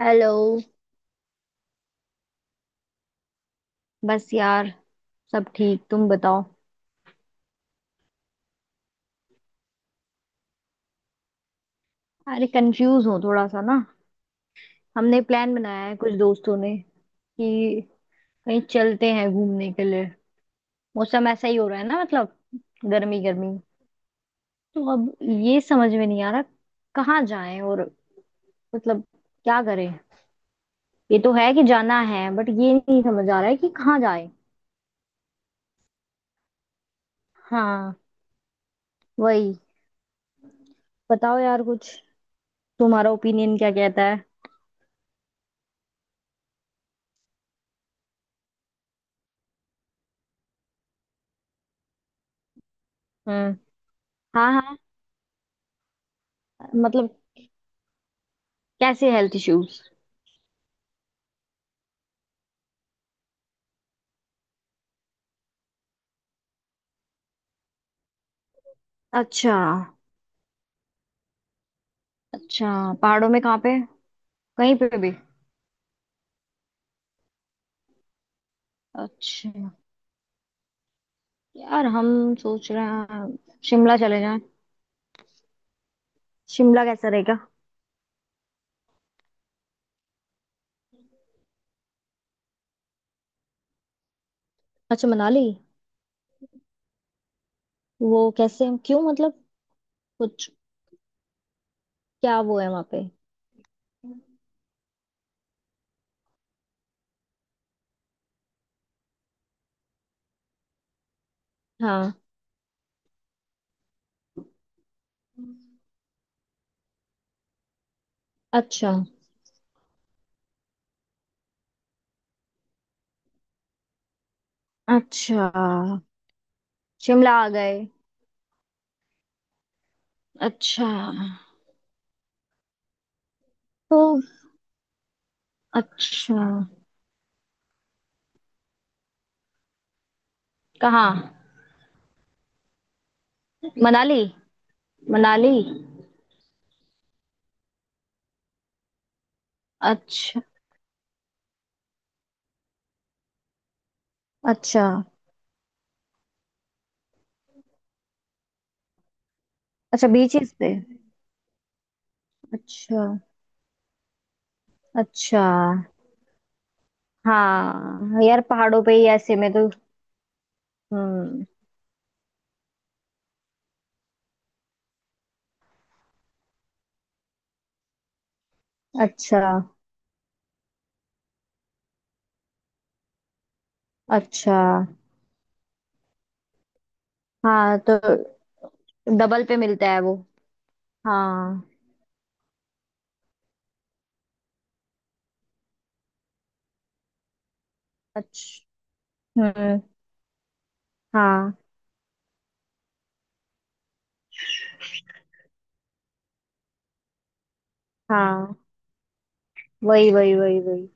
Hello. बस यार। सब ठीक? तुम बताओ। अरे कंफ्यूज हूँ थोड़ा सा ना। हमने प्लान बनाया है कुछ दोस्तों ने कि कहीं चलते हैं घूमने के लिए। मौसम ऐसा ही हो रहा है ना, मतलब गर्मी गर्मी। तो अब ये समझ में नहीं आ रहा कहाँ जाएं, और मतलब क्या करें। ये तो है कि जाना है बट ये नहीं समझ आ रहा है कि कहाँ जाएं। हाँ, वही। बताओ यार कुछ, तुम्हारा ओपिनियन क्या कहता है। हम्म। हाँ हाँ। मतलब कैसे हेल्थ इश्यूज? अच्छा। अच्छा, पहाड़ों में कहाँ पे? कहीं पे भी? अच्छा। यार हम सोच रहे हैं शिमला चले जाएं। शिमला कैसा रहेगा? अच्छा, मनाली। वो कैसे, क्यों, मतलब कुछ क्या वो है वहाँ पे? हाँ। अच्छा। अच्छा, शिमला आ गए। अच्छा। तो? अच्छा। कहाँ? मनाली। मनाली। अच्छा। अच्छा। अच्छा, बीचेस पे? अच्छा। अच्छा। हाँ यार, पहाड़ों पे ही ऐसे में तो। हम्म। अच्छा। अच्छा। हाँ तो डबल पे मिलता है वो। हाँ। अच्छा। हम्म। हाँ हाँ। वही वही वही वही।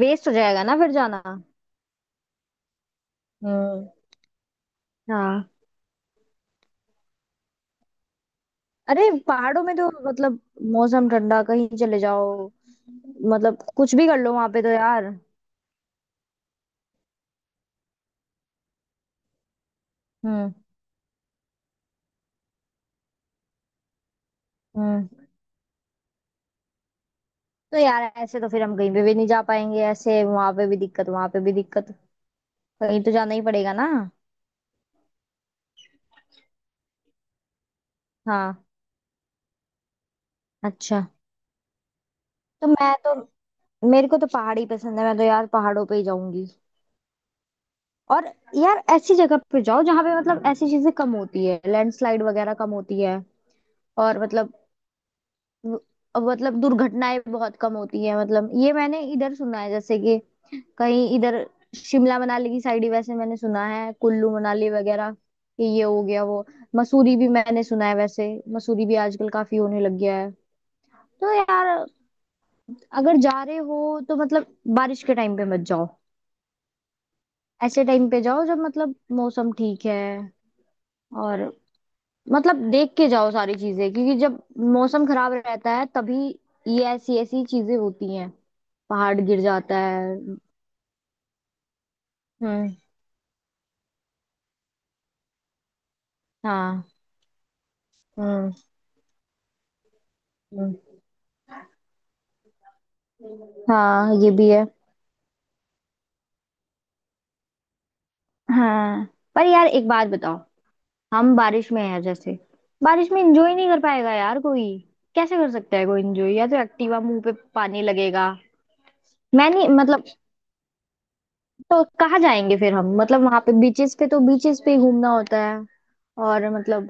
वेस्ट हो जाएगा ना फिर जाना। हम्म। हाँ। अरे पहाड़ों में तो मतलब, मौसम ठंडा, कहीं चले जाओ। मतलब कुछ भी कर लो वहां पे तो यार। हम्म। हम्म। तो यार ऐसे तो फिर हम कहीं पे भी नहीं जा पाएंगे। ऐसे वहां पे भी दिक्कत, वहां पे भी दिक्कत। कहीं तो जाना ही पड़ेगा ना। हाँ। अच्छा। तो मैं तो मेरे को तो पहाड़ ही पसंद है, मैं तो यार पहाड़ों पे ही जाऊंगी। और यार ऐसी जगह पे जाओ जहाँ पे मतलब ऐसी चीजें कम होती है, लैंडस्लाइड वगैरह कम होती है। और मतलब, मतलब दुर्घटनाएं बहुत कम होती है। मतलब ये मैंने इधर सुना है, जैसे कि कहीं इधर शिमला मनाली की साइड ही, वैसे मैंने सुना है कुल्लू मनाली वगैरह कि ये हो गया वो। मसूरी भी मैंने सुना है वैसे, मसूरी भी आजकल काफी होने लग गया है। तो यार अगर जा रहे हो तो मतलब बारिश के टाइम पे मत जाओ, ऐसे टाइम पे जाओ जब मतलब मौसम ठीक है। और मतलब देख के जाओ सारी चीजें, क्योंकि जब मौसम खराब रहता है तभी ये ऐसी ऐसी चीजें होती हैं, पहाड़ गिर जाता है। हम्म हाँ। हम्म हम्म, हाँ ये भी है। हाँ। पर यार एक बात बताओ, हम बारिश में हैं जैसे। बारिश में एंजॉय नहीं कर पाएगा यार कोई, कैसे कर सकता है कोई एंजॉय? या तो एक्टिवा, मुंह पे पानी लगेगा। मैं नहीं, मतलब तो कहाँ जाएंगे फिर हम, मतलब वहां पे बीचेस पे तो बीचेस पे ही घूमना होता है। और मतलब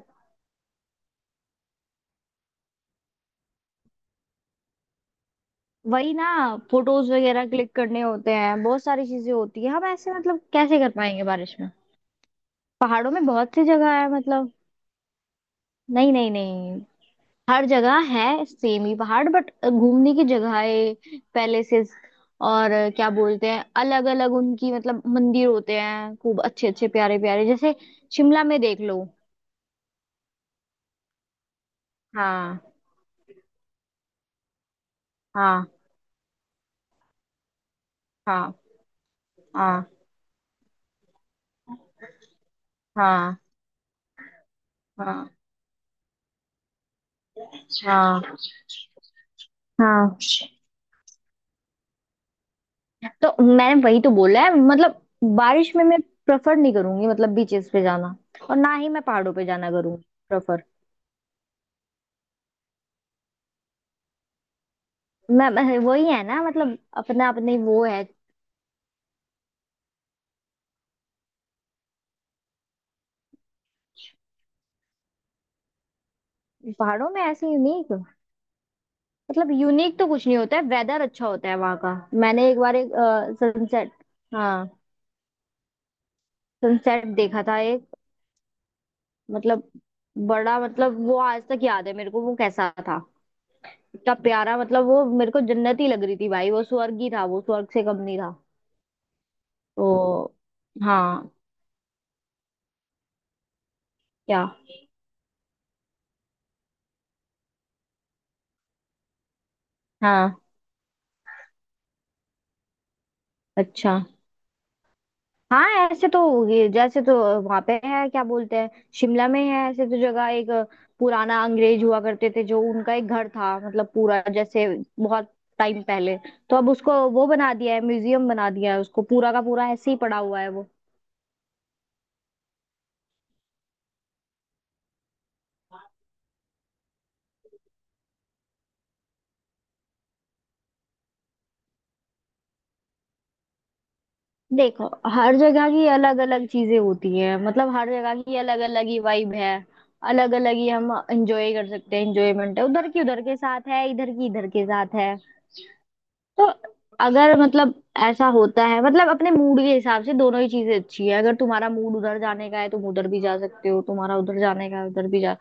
वही ना, फोटोज वगैरह क्लिक करने होते हैं, बहुत सारी चीजें होती है, हम ऐसे मतलब कैसे कर पाएंगे बारिश में। पहाड़ों में बहुत सी जगह है मतलब। नहीं नहीं नहीं, हर जगह है सेम ही पहाड़ बट घूमने की जगहें, पैलेसेस और क्या बोलते हैं, अलग अलग उनकी, मतलब मंदिर होते हैं खूब अच्छे अच्छे, प्यारे प्यारे जैसे शिमला में देख लो। हाँ हाँ हाँ हाँ। हाँ हाँ हाँ हाँ। तो मैंने वही तो बोला है मतलब, बारिश में मैं प्रेफर नहीं करूंगी मतलब बीचेस पे जाना, और ना ही मैं पहाड़ों पे जाना करूंगी प्रेफर। वही है ना मतलब, अपना अपने वो है। पहाड़ों में ऐसे यूनिक? मतलब यूनिक तो कुछ नहीं होता है, वेदर अच्छा होता है वहां का। मैंने एक बार एक सनसेट, हाँ, सनसेट देखा था एक, मतलब बड़ा, मतलब वो आज तक याद है मेरे को वो कैसा था। इतना प्यारा, मतलब वो मेरे को जन्नत ही लग रही थी भाई, वो स्वर्ग ही था, वो स्वर्ग से कम नहीं था। तो हाँ। क्या? हाँ। अच्छा। हाँ ऐसे तो, ये जैसे तो वहां पे है क्या बोलते हैं, शिमला में है ऐसे तो जगह एक, पुराना अंग्रेज हुआ करते थे जो, उनका एक घर था मतलब पूरा जैसे बहुत टाइम पहले। तो अब उसको वो बना दिया है, म्यूजियम बना दिया है उसको, पूरा का पूरा ऐसे ही पड़ा हुआ है वो। देखो हर जगह की अलग अलग चीजें होती हैं, मतलब हर जगह की अलग अलग ही वाइब है, अलग अलग ही हम एंजॉय कर सकते हैं। एंजॉयमेंट है उधर की उधर के साथ है, इधर की इधर के साथ है। तो अगर मतलब, ऐसा होता है मतलब अपने मूड के हिसाब से, दोनों ही चीजें अच्छी है। अगर तुम्हारा मूड उधर जाने का है तुम उधर भी जा सकते हो, तुम्हारा उधर जाने का है उधर भी जा।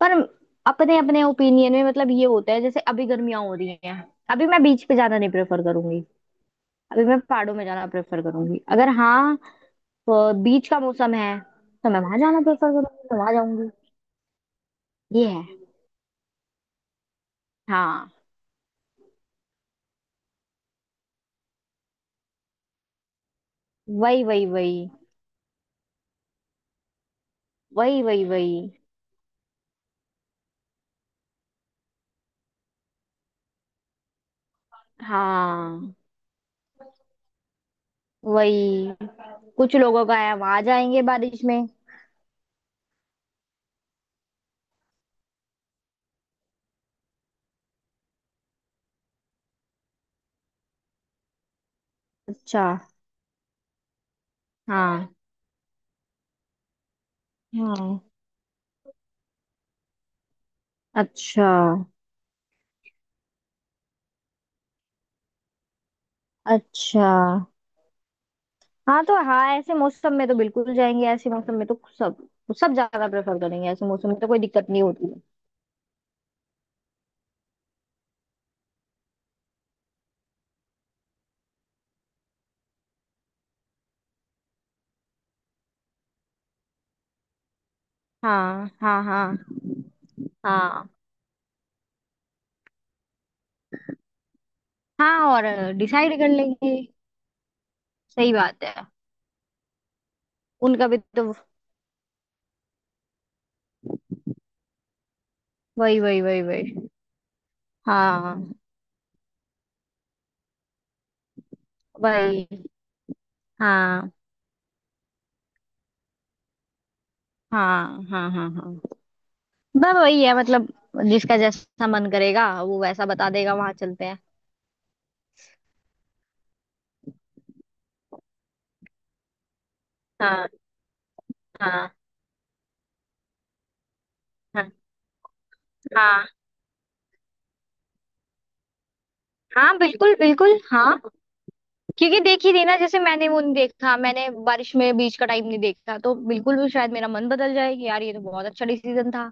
पर अपने अपने ओपिनियन में मतलब ये होता है, जैसे अभी गर्मियां हो रही हैं, अभी मैं बीच पे जाना नहीं प्रेफर करूंगी, अभी मैं पहाड़ों में जाना प्रेफर करूंगी। अगर हाँ बीच का मौसम है तो मैं वहां जाना प्रेफर करूंगी तो वहां जाऊंगी। ये है। हाँ। वही वही वही वही। वही वही। हाँ। वही। कुछ लोगों का है वहां जाएंगे बारिश में। अच्छा। हाँ हाँ। अच्छा। अच्छा। हाँ तो, हाँ ऐसे मौसम में तो बिल्कुल जाएंगे, ऐसे मौसम में तो सब, सब ज्यादा प्रेफर करेंगे, ऐसे मौसम में तो कोई दिक्कत नहीं होती है। हाँ हाँ हाँ हाँ। हाँ और डिसाइड कर लेंगे। सही बात है। उनका भी तो। वही वही वही वही। हाँ वही। हाँ हाँ हाँ हाँ। हाँ बस वही है मतलब, जिसका जैसा मन करेगा वो वैसा बता देगा, वहां चलते हैं। हाँ हाँ हाँ हाँ। हाँ बिल्कुल बिल्कुल। हाँ क्योंकि देख ही देना, जैसे मैंने वो नहीं देखा, मैंने बारिश में बीच का टाइम नहीं देखा, तो बिल्कुल भी शायद मेरा मन बदल जाए कि यार ये तो बहुत अच्छा डिसीजन था।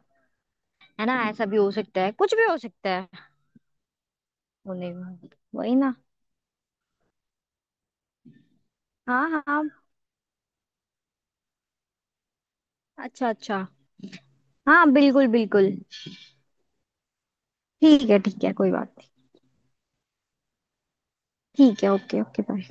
है ना, ऐसा भी हो सकता है, कुछ भी हो सकता है होने में। वही ना। हाँ हाँ। अच्छा अच्छा। हाँ बिल्कुल बिल्कुल। ठीक है। ठीक है कोई बात नहीं। ठीक है। ओके। Okay, bye.